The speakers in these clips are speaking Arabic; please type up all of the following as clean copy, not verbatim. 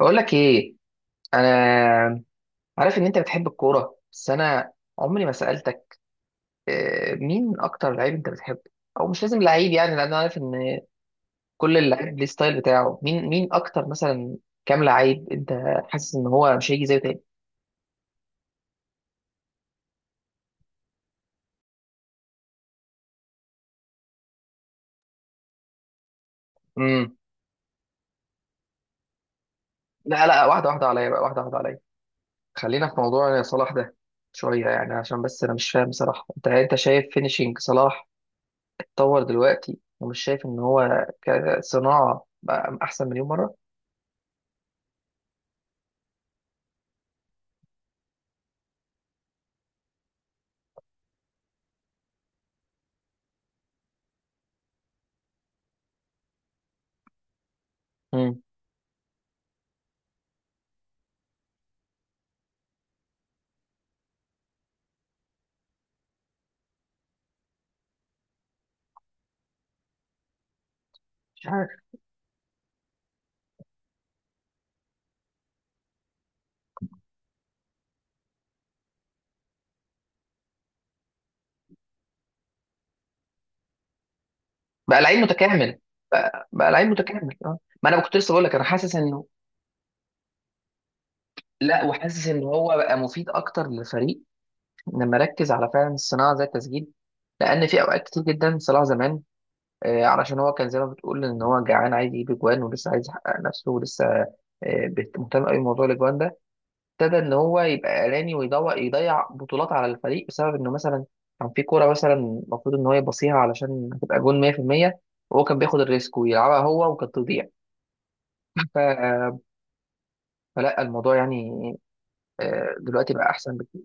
بقول لك ايه. انا عارف ان انت بتحب الكوره، بس انا عمري ما سالتك. مين اكتر لعيب انت بتحبه؟ او مش لازم لعيب يعني، لان انا عارف ان كل اللعيب ليه ستايل بتاعه. مين اكتر، مثلا كام لعيب انت حاسس ان هو مش هيجي زيه تاني؟ امم لا لا، واحده واحده عليا بقى، واحده واحده عليا. خلينا في موضوع صلاح ده شويه، يعني عشان بس انا مش فاهم صراحه، انت شايف فينيشينج صلاح اتطور دلوقتي ومش شايف ان هو كصناعه بقى احسن مليون مره؟ امم بقى لعيب متكامل. بقى، لعيب متكامل، اه. ما انا كنت لسه بقول لك انا حاسس انه لا، وحاسس ان هو بقى مفيد اكتر للفريق لما ركز على فعلا الصناعه زي التسجيل، لان في اوقات كتير جدا صلاح زمان علشان هو كان زي ما بتقول ان هو جعان عايز يجيب اجوان، ولسه عايز يحقق نفسه، ولسه مهتم قوي بموضوع الاجوان ده، ابتدى ان هو يبقى اناني ويضيع، يضيع بطولات على الفريق بسبب انه مثلا كان في كوره مثلا المفروض ان هو يبصيها علشان هتبقى جون 100%، وهو كان بياخد الريسك ويلعبها هو وكانت تضيع. ف- فلا الموضوع يعني دلوقتي بقى احسن بكتير.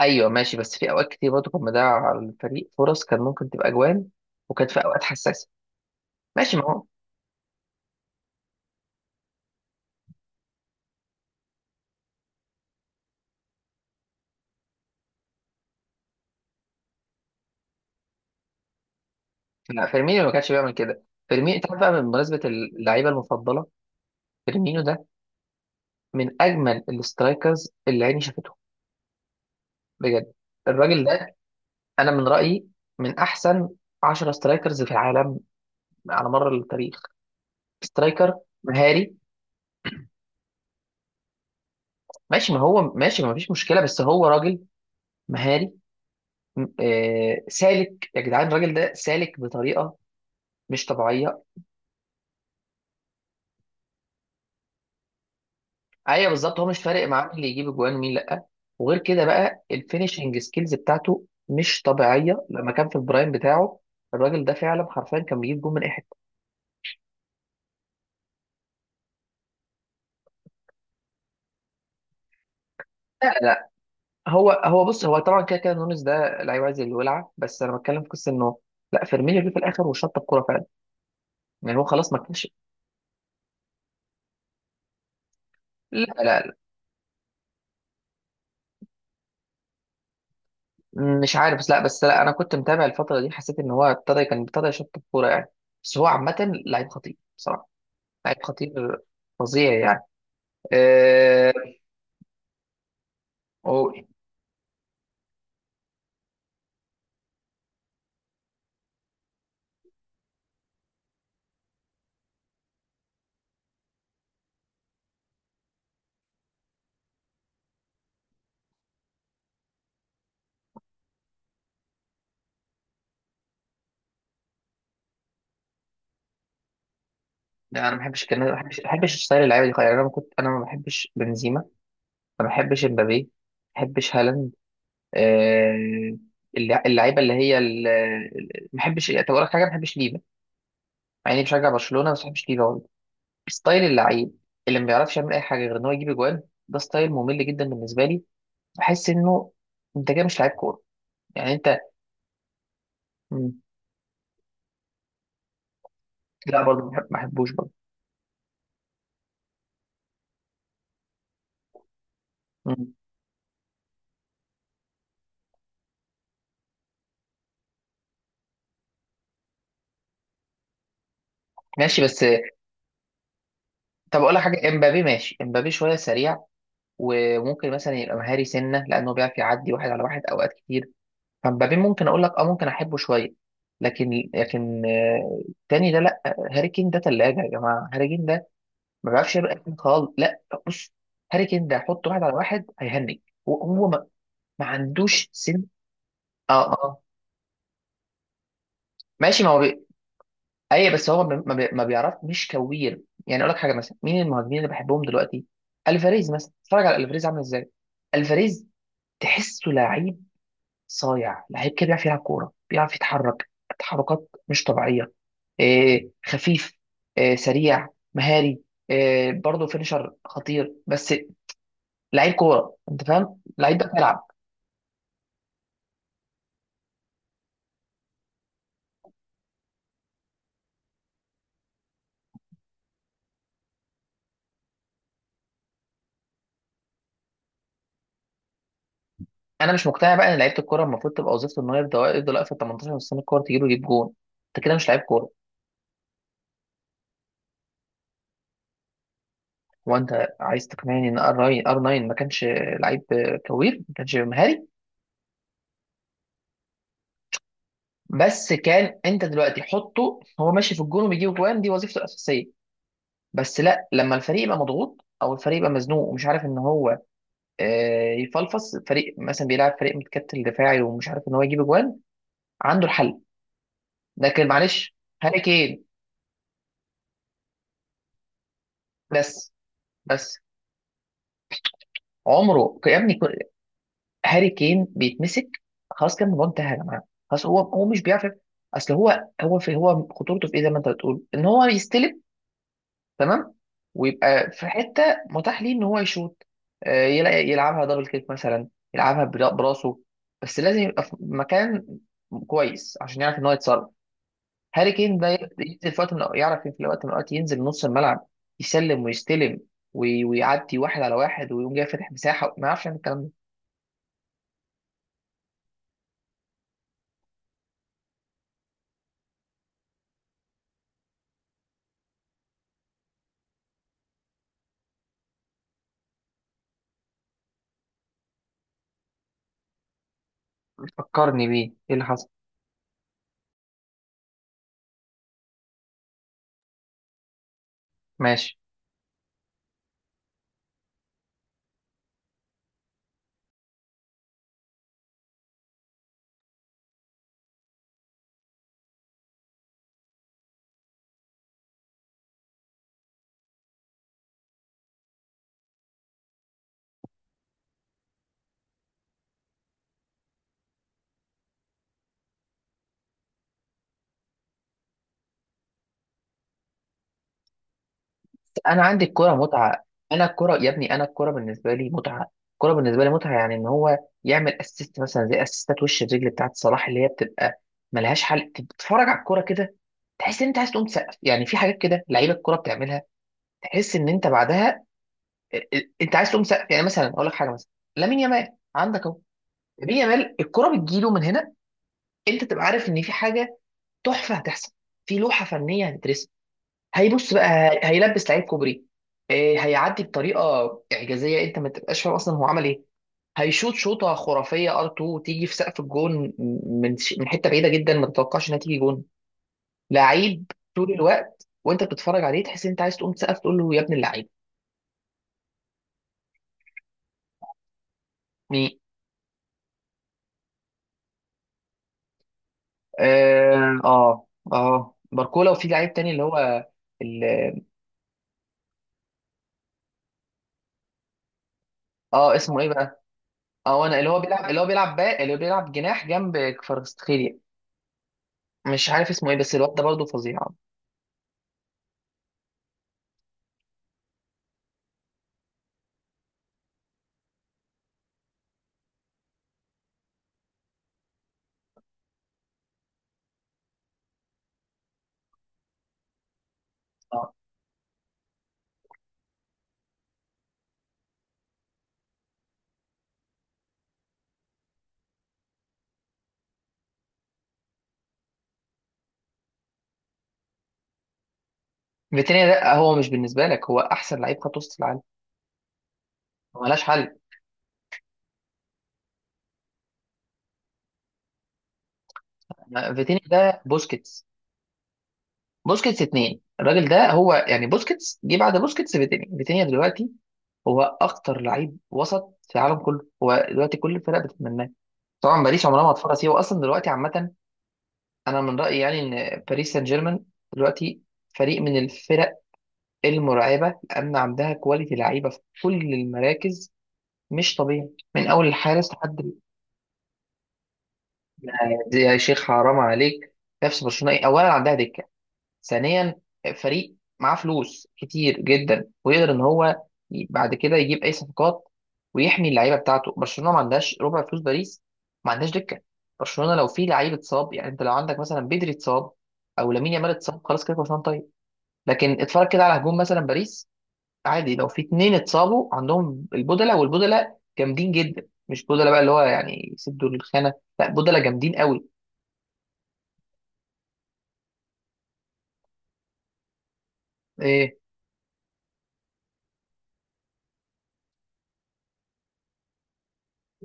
ايوه ماشي، بس في اوقات كتير برضه كان مضيع على الفريق فرص كان ممكن تبقى اجوان، وكانت في اوقات حساسه. ماشي ما هو. لا، فيرمينيو ما كانش بيعمل كده. فيرمينيو انت عارف بقى، بمناسبه اللعيبه المفضله، فيرمينيو ده من اجمل الاسترايكرز اللي عيني شافتهم، بجد. الراجل ده، انا من رايي، من احسن 10 سترايكرز في العالم على مر التاريخ. سترايكر مهاري. ماشي، ما هو ماشي، ما فيش مشكله، بس هو راجل مهاري. سالك يا جدعان، الراجل ده سالك بطريقه مش طبيعيه. ايوه بالظبط، هو مش فارق معاه مين اللي يجيب اجوان ومين لا. وغير كده بقى الفينشنج سكيلز بتاعته مش طبيعيه لما كان في البرايم بتاعه. الراجل ده فعلا حرفيا كان بيجيب جون من اي حته. لا لا، هو بص، هو طبعا كده كده نونز ده لعيب عايز الولعه، بس انا بتكلم في قصه انه لا، فيرمينيو جه في الاخر وشط الكوره فعلا. يعني هو خلاص ما كانش. لا لا، مش عارف، بس لا، انا كنت متابع الفتره دي، حسيت ان هو ابتدى، كان ابتدى يشط الكوره يعني. بس هو عامه لعيب خطير بصراحه. لعيب خطير، فظيع يعني. أه... أو... لا، انا ما بحبش، كان ما بحبش، ستايل اللعيبه دي خالص، يعني انا ما بحبش بنزيما، ما بحبش امبابي، ما بحبش هالاند. أه... اللعيبه اللي هي ما بحبش، طب اقول لك حاجه، ما بحبش ليفا، مع اني بشجع برشلونه، بس ما بحبش ليفا برضه. ستايل اللعيب اللي ما بيعرفش يعمل اي حاجه غير ان هو يجيب اجوان، ده ستايل ممل جدا بالنسبه لي. بحس انه انت كده مش لعيب كوره، يعني انت. مم. لا برضه، ما بحبوش برضه. مم. ماشي بس. طب اقول لك حاجه، امبابي ماشي، امبابي شويه سريع وممكن مثلا يبقى مهاري سنه لانه بيعرف يعدي واحد على واحد اوقات كتير. فامبابي ممكن اقول لك اه ممكن احبه شويه. لكن التاني ده لا. هاري كين ده ثلاجه يا جماعه. هاري كين ده ما بيعرفش يبقى خالص، لا بص، هاري كين ده حط واحد على واحد هيهنج. هو هو ما, ما عندوش سن. اه اه. ماشي ما هو. اي بس هو ما بيعرف، مش كوير، يعني اقول لك حاجه، مثلا مين المهاجمين اللي بحبهم دلوقتي؟ الفاريز مثلا، اتفرج على الفاريز عامل ازاي. الفاريز تحسه لعيب، صايع، لعيب كده بيعرف يلعب كوره، بيعرف يتحرك تحركات مش طبيعيه، إيه خفيف، إيه سريع، مهاري، إيه برضه فينيشر خطير. بس لعيب كوره، انت فاهم، لعيب ده بيلعب. انا مش مقتنع بقى ان لعيبه الكوره المفروض تبقى وظيفته ان هو يفضل واقف في 18 سنه، الكوره تجيله يجيب جون. انت كده مش لعيب كوره. هو انت عايز تقنعني ان ار 9 ما كانش لعيب كوير، ما كانش مهاري؟ بس كان، انت دلوقتي حطه هو ماشي في الجون وبيجيب جوان، دي وظيفته الاساسيه، بس لا، لما الفريق يبقى مضغوط او الفريق يبقى مزنوق ومش عارف ان هو يفلفص فريق، مثلا بيلعب فريق متكتل دفاعي ومش عارف ان هو يجيب جوان، عنده الحل. لكن معلش، هاري كين بس بس عمره يا ابني. هاري كين بيتمسك. خلاص، كان الموضوع انتهى يا جماعه. خلاص، هو مش بيعرف. اصل هو خطورته في ايه؟ زي ما انت بتقول ان هو يستلم، تمام، ويبقى في حته متاح ليه ان هو يشوط، يلاقي يلعبها دبل كيك مثلا، يلعبها براسه. بس لازم يبقى في مكان كويس عشان يعرف ان هو يتصرف. هاري كين ده ينزل في وقت من يعرف في وقت من الاوقات ينزل نص الملعب، يسلم ويستلم، ويعدي واحد على واحد ويقوم جاي فاتح مساحه، ما يعرفش يعمل الكلام ده. فكرني بيه ايه اللي حصل. ماشي. انا عندي الكوره متعه. انا الكوره يا ابني، انا الكوره بالنسبه لي متعه، الكوره بالنسبه لي متعه، يعني ان هو يعمل اسيست مثلا زي اسيستات وش الرجل بتاعت صلاح اللي هي بتبقى ملهاش حل، تتفرج على الكوره كده تحس ان انت عايز تقوم تسقف. يعني في حاجات كده لعيبه الكوره بتعملها تحس ان انت بعدها انت عايز تقوم تسقف. يعني مثلا اقول لك حاجه، مثلا لامين يامال، عندك اهو. لامين يامال الكوره بتجيله من هنا، انت تبقى عارف ان في حاجه تحفه هتحصل، في لوحه فنيه هتترسم. هيبص بقى، هيلبس لعيب كوبري، إيه، هيعدي بطريقه اعجازيه انت ما تبقاش فاهم اصلا هو عمل ايه. هيشوط شوطه خرافيه ار 2 تيجي في سقف الجون من من حته بعيده جدا ما تتوقعش انها تيجي جون. لعيب طول الوقت وانت بتتفرج عليه تحس ان انت عايز تقوم تسقف، تقول له يا ابن اللعيب. مين؟ اه اه. باركولا. وفي لعيب تاني اللي هو ال- اه، اسمه ايه بقى؟ اه انا، اللي هو بيلعب، اللي هو بيلعب باك، اللي هو بيلعب جناح جنب كفاراتسخيليا. مش عارف اسمه ايه، بس الواد ده برضه فظيع. فيتينيا ده، هو مش بالنسبه لك هو احسن لعيب خط وسط في العالم، ملهاش حل. فيتينيا ده بوسكيتس، بوسكيتس اتنين. الراجل ده هو يعني بوسكيتس جه بعد بوسكيتس. فيتينيا، فيتينيا دلوقتي هو اخطر لعيب وسط في العالم كله. هو دلوقتي كل الفرق بتتمناه. طبعا باريس عمرها ما هتفرط فيه، واصلا دلوقتي عامه انا من رايي يعني ان باريس سان جيرمان دلوقتي فريق من الفرق المرعبه، لان عندها كواليتي لعيبه في كل المراكز مش طبيعي، من اول الحارس لحد. يا شيخ حرام عليك. نفس برشلونه ايه؟ اولا عندها دكه، ثانيا فريق معاه فلوس كتير جدا ويقدر ان هو بعد كده يجيب اي صفقات ويحمي اللعيبه بتاعته. برشلونه ما عندهاش ربع فلوس باريس، ما عندهاش دكه. برشلونه لو في لعيب اتصاب، يعني انت لو عندك مثلا بدري اتصاب او لامين يامال اتصاب، خلاص كده برشلونه طيب. لكن اتفرج كده على هجوم مثلا باريس، عادي لو في اتنين اتصابوا عندهم البودلة، والبودلة جامدين جدا، مش بودلة بقى اللي هو يعني يسدوا الخانه، لا بودلة جامدين قوي. إيه.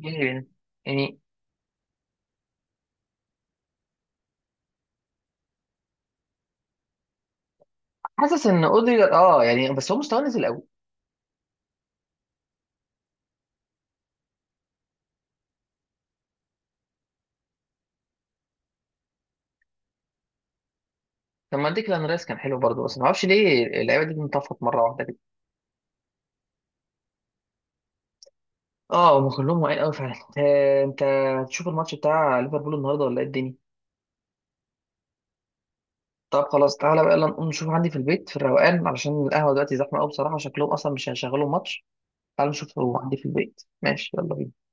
إيه. يعني، حاسس ان اوديجارد اه يعني، بس هو مستواه نزل قوي. طب ما ديكلان رايس كان حلو برضه، بس ما اعرفش ليه اللعيبه دي انطفت مره واحده كده. اه، هم كلهم واقعين قوي فعلا. انت تشوف الماتش بتاع ليفربول النهارده ولا ايه الدنيا؟ طب خلاص تعالى بقى، يلا نقوم نشوف عندي في البيت في الروقان، علشان القهوه دلوقتي زحمه قوي بصراحه، شكلهم اصلا مش هيشغلوا ماتش. تعالى نشوف هو عندي في البيت، ماشي؟ يلا بينا.